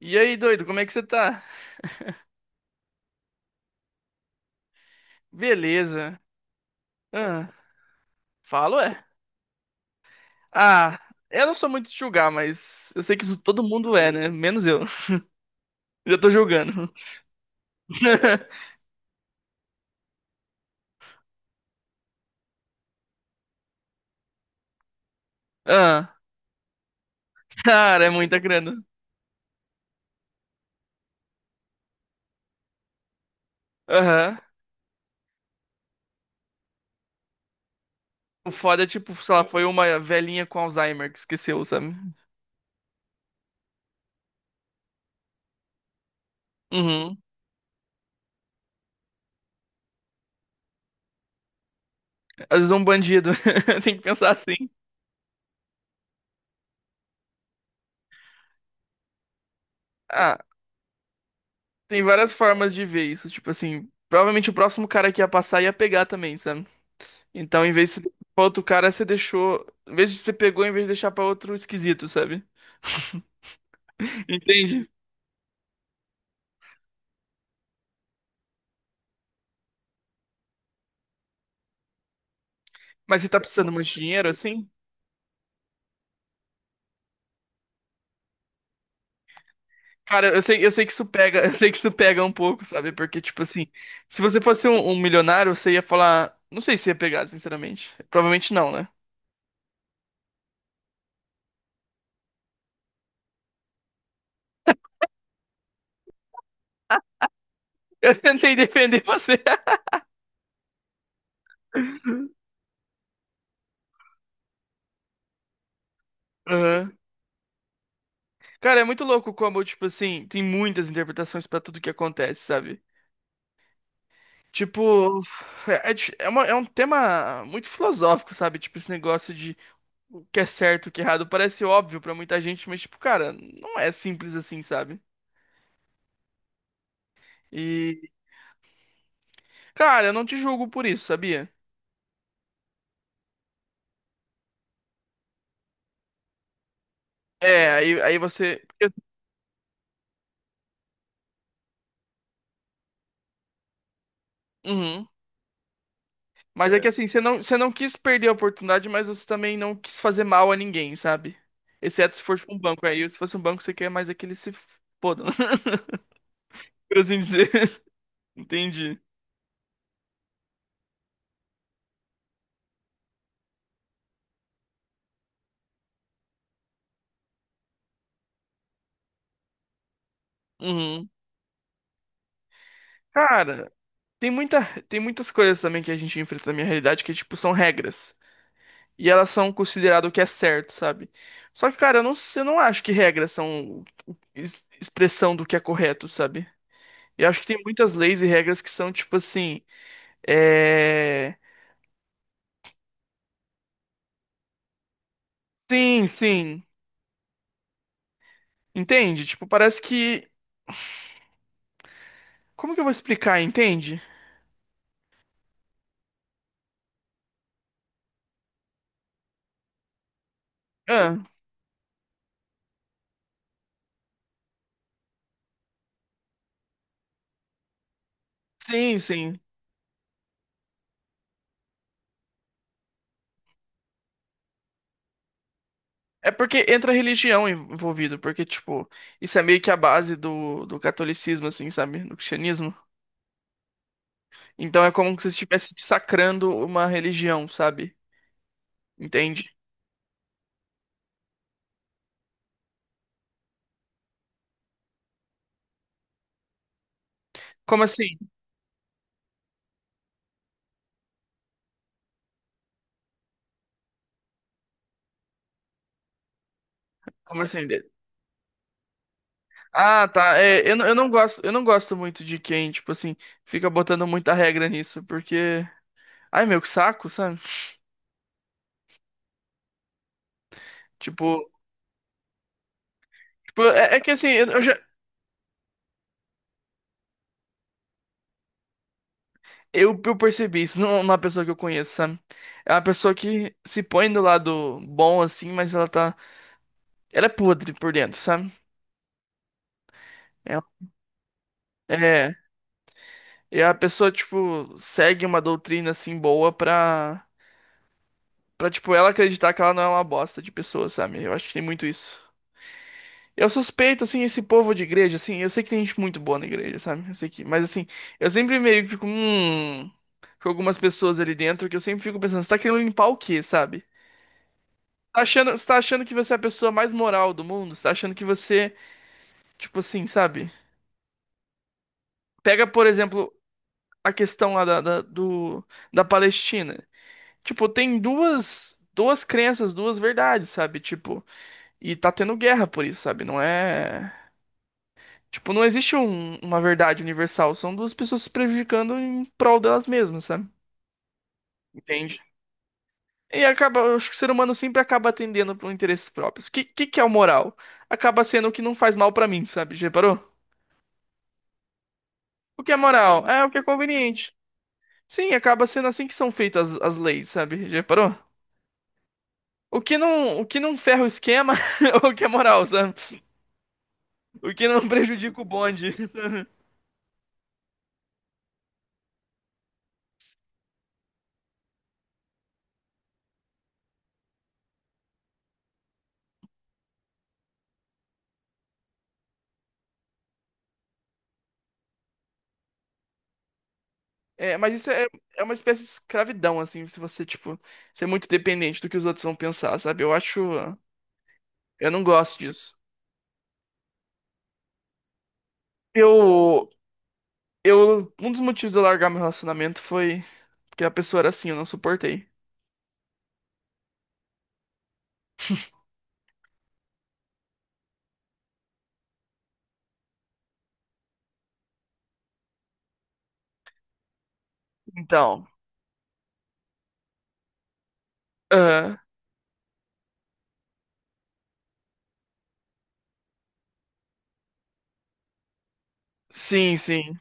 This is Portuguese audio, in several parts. E aí, doido, como é que você tá? Beleza. Ah, falo, é. Ah, eu não sou muito de julgar, mas eu sei que isso todo mundo é, né? Menos eu. Já tô julgando. Ah, cara, é muita grana. Aham. O foda é tipo, sei lá, foi uma velhinha com Alzheimer que esqueceu, sabe? Uhum. Às vezes é um bandido. Tem que pensar assim. Ah, tem várias formas de ver isso. Tipo assim, provavelmente o próximo cara que ia passar ia pegar também, sabe? Então, em vez de você pra outro cara, você deixou. Em vez de você pegou, em vez de deixar pra outro esquisito, sabe? Entende? Mas você tá precisando muito de dinheiro, assim? Cara, eu sei que isso pega, eu sei que isso pega um pouco, sabe? Porque, tipo assim, se você fosse um milionário, você ia falar. Não sei se ia pegar, sinceramente. Provavelmente não, né? Eu tentei defender você. Aham. Cara, é muito louco como, tipo assim, tem muitas interpretações pra tudo que acontece, sabe? Tipo, é, é um tema muito filosófico, sabe? Tipo, esse negócio de o que é certo, o que é errado, parece óbvio pra muita gente, mas, tipo, cara, não é simples assim, sabe? E, cara, eu não te julgo por isso, sabia? É, aí você. Uhum. Mas é que é, assim, você não quis perder a oportunidade, mas você também não quis fazer mal a ninguém, sabe? Exceto se for tipo, um banco. Aí, se fosse um banco, você quer mais aquele se fodam, por assim dizer. Entendi. Uhum. Cara. Tem muita, tem muitas coisas também que a gente enfrenta na minha realidade que, tipo, são regras. E elas são consideradas o que é certo, sabe? Só que, cara, eu não acho que regras são expressão do que é correto, sabe? Eu acho que tem muitas leis e regras que são, tipo assim. É. Sim, sim. Entende? Tipo, parece que. Como que eu vou explicar, entende? Ah, sim, sim. É porque entra religião envolvido, porque, tipo, isso é meio que a base do catolicismo, assim, sabe? Do cristianismo. Então é como se você estivesse sacrando uma religião, sabe? Entende? Como assim? Como assim? Ah, tá. É, eu não gosto muito de quem, tipo assim, fica botando muita regra nisso, porque. Ai, meu, que saco, sabe? Tipo, tipo, é, é que assim, eu já. Eu percebi isso não é pessoa que eu conheço, sabe? É uma pessoa que se põe do lado bom, assim, mas ela tá. Ela é podre por dentro, sabe? É, é, e a pessoa, tipo, segue uma doutrina assim boa pra. Pra, tipo, ela acreditar que ela não é uma bosta de pessoa, sabe? Eu acho que tem muito isso. Eu suspeito, assim, esse povo de igreja, assim, eu sei que tem gente muito boa na igreja, sabe? Eu sei que, mas assim, eu sempre meio que fico, com algumas pessoas ali dentro que eu sempre fico pensando, você tá querendo limpar o quê, sabe? Você tá achando que você é a pessoa mais moral do mundo? Você tá achando que você, tipo assim, sabe? Pega, por exemplo, a questão lá da Palestina. Tipo, tem duas crenças, duas verdades, sabe? Tipo, e tá tendo guerra por isso, sabe? Não é. Tipo, não existe uma verdade universal. São duas pessoas se prejudicando em prol delas mesmas, sabe? Entende? E acaba, eu acho que o ser humano sempre acaba atendendo por interesses próprios. O que é o moral? Acaba sendo o que não faz mal pra mim, sabe? Já reparou? O que é moral? É o que é conveniente. Sim, acaba sendo assim que são feitas as leis, sabe? Já reparou? O que não ferra o esquema, é o que é moral, sabe? O que não prejudica o bonde. É, mas isso é, é uma espécie de escravidão, assim, se você, tipo, ser muito dependente do que os outros vão pensar, sabe? Eu acho. Eu não gosto disso. Eu. Eu. Um dos motivos de eu largar meu relacionamento foi porque a pessoa era assim, eu não suportei. Então. Aham, sim, sim.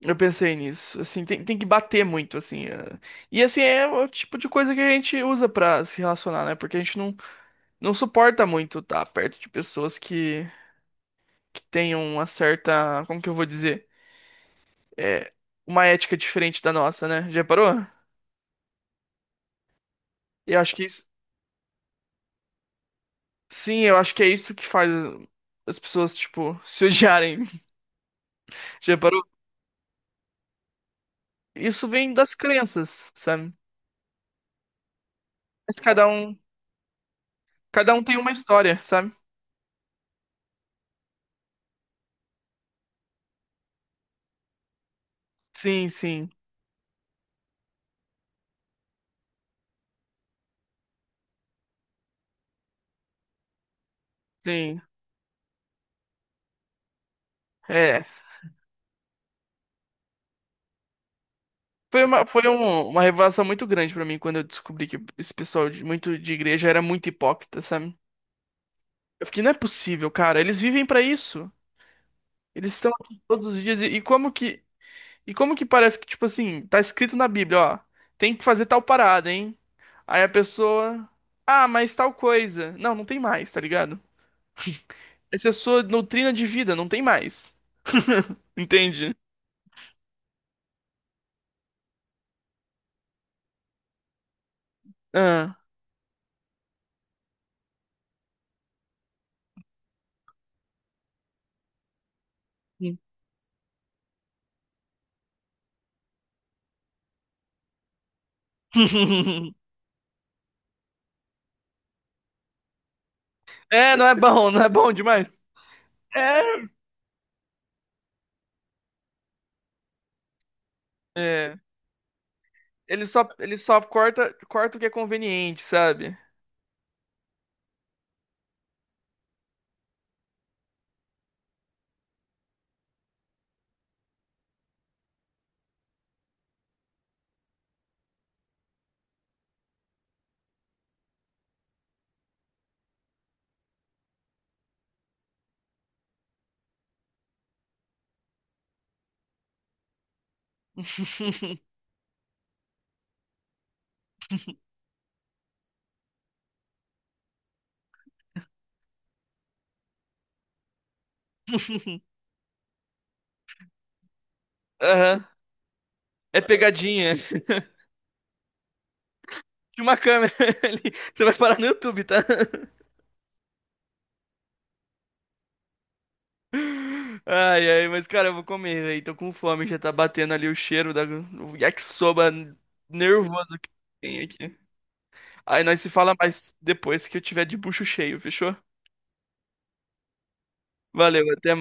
Eu pensei nisso. Assim, tem que bater muito, assim. Ah. E assim, é o tipo de coisa que a gente usa pra se relacionar, né? Porque a gente não, não suporta muito estar perto de pessoas que tenham uma certa. Como que eu vou dizer? É, uma ética diferente da nossa, né? Já parou? Eu acho que isso- Sim, eu acho que é isso que faz as pessoas, tipo, se odiarem. Já parou? Isso vem das crenças, sabe? Mas cada um tem uma história, sabe? Sim, sim, sim. É. Foi uma, uma revelação muito grande pra mim quando eu descobri que esse pessoal muito de igreja era muito hipócrita, sabe? Eu fiquei, não é possível, cara. Eles vivem pra isso. Eles estão aqui todos os dias. E como que parece que, tipo assim, tá escrito na Bíblia, ó, tem que fazer tal parada, hein? Aí a pessoa, ah, mas tal coisa. Não, não tem mais, tá ligado? Essa é a sua doutrina de vida, não tem mais. Entende? Ah. Sim. É, não é bom, não é bom demais. É. É. Ele só corta, corta o que é conveniente, sabe? Aham. É pegadinha. Tinha uma câmera ali. Você vai parar no YouTube, tá? Ai, ai, mas cara, eu vou comer, velho. Tô com fome, já tá batendo ali o cheiro da o yakisoba nervoso que tem aqui. Aí nós se fala mais depois que eu tiver de bucho cheio, fechou? Valeu, até mais.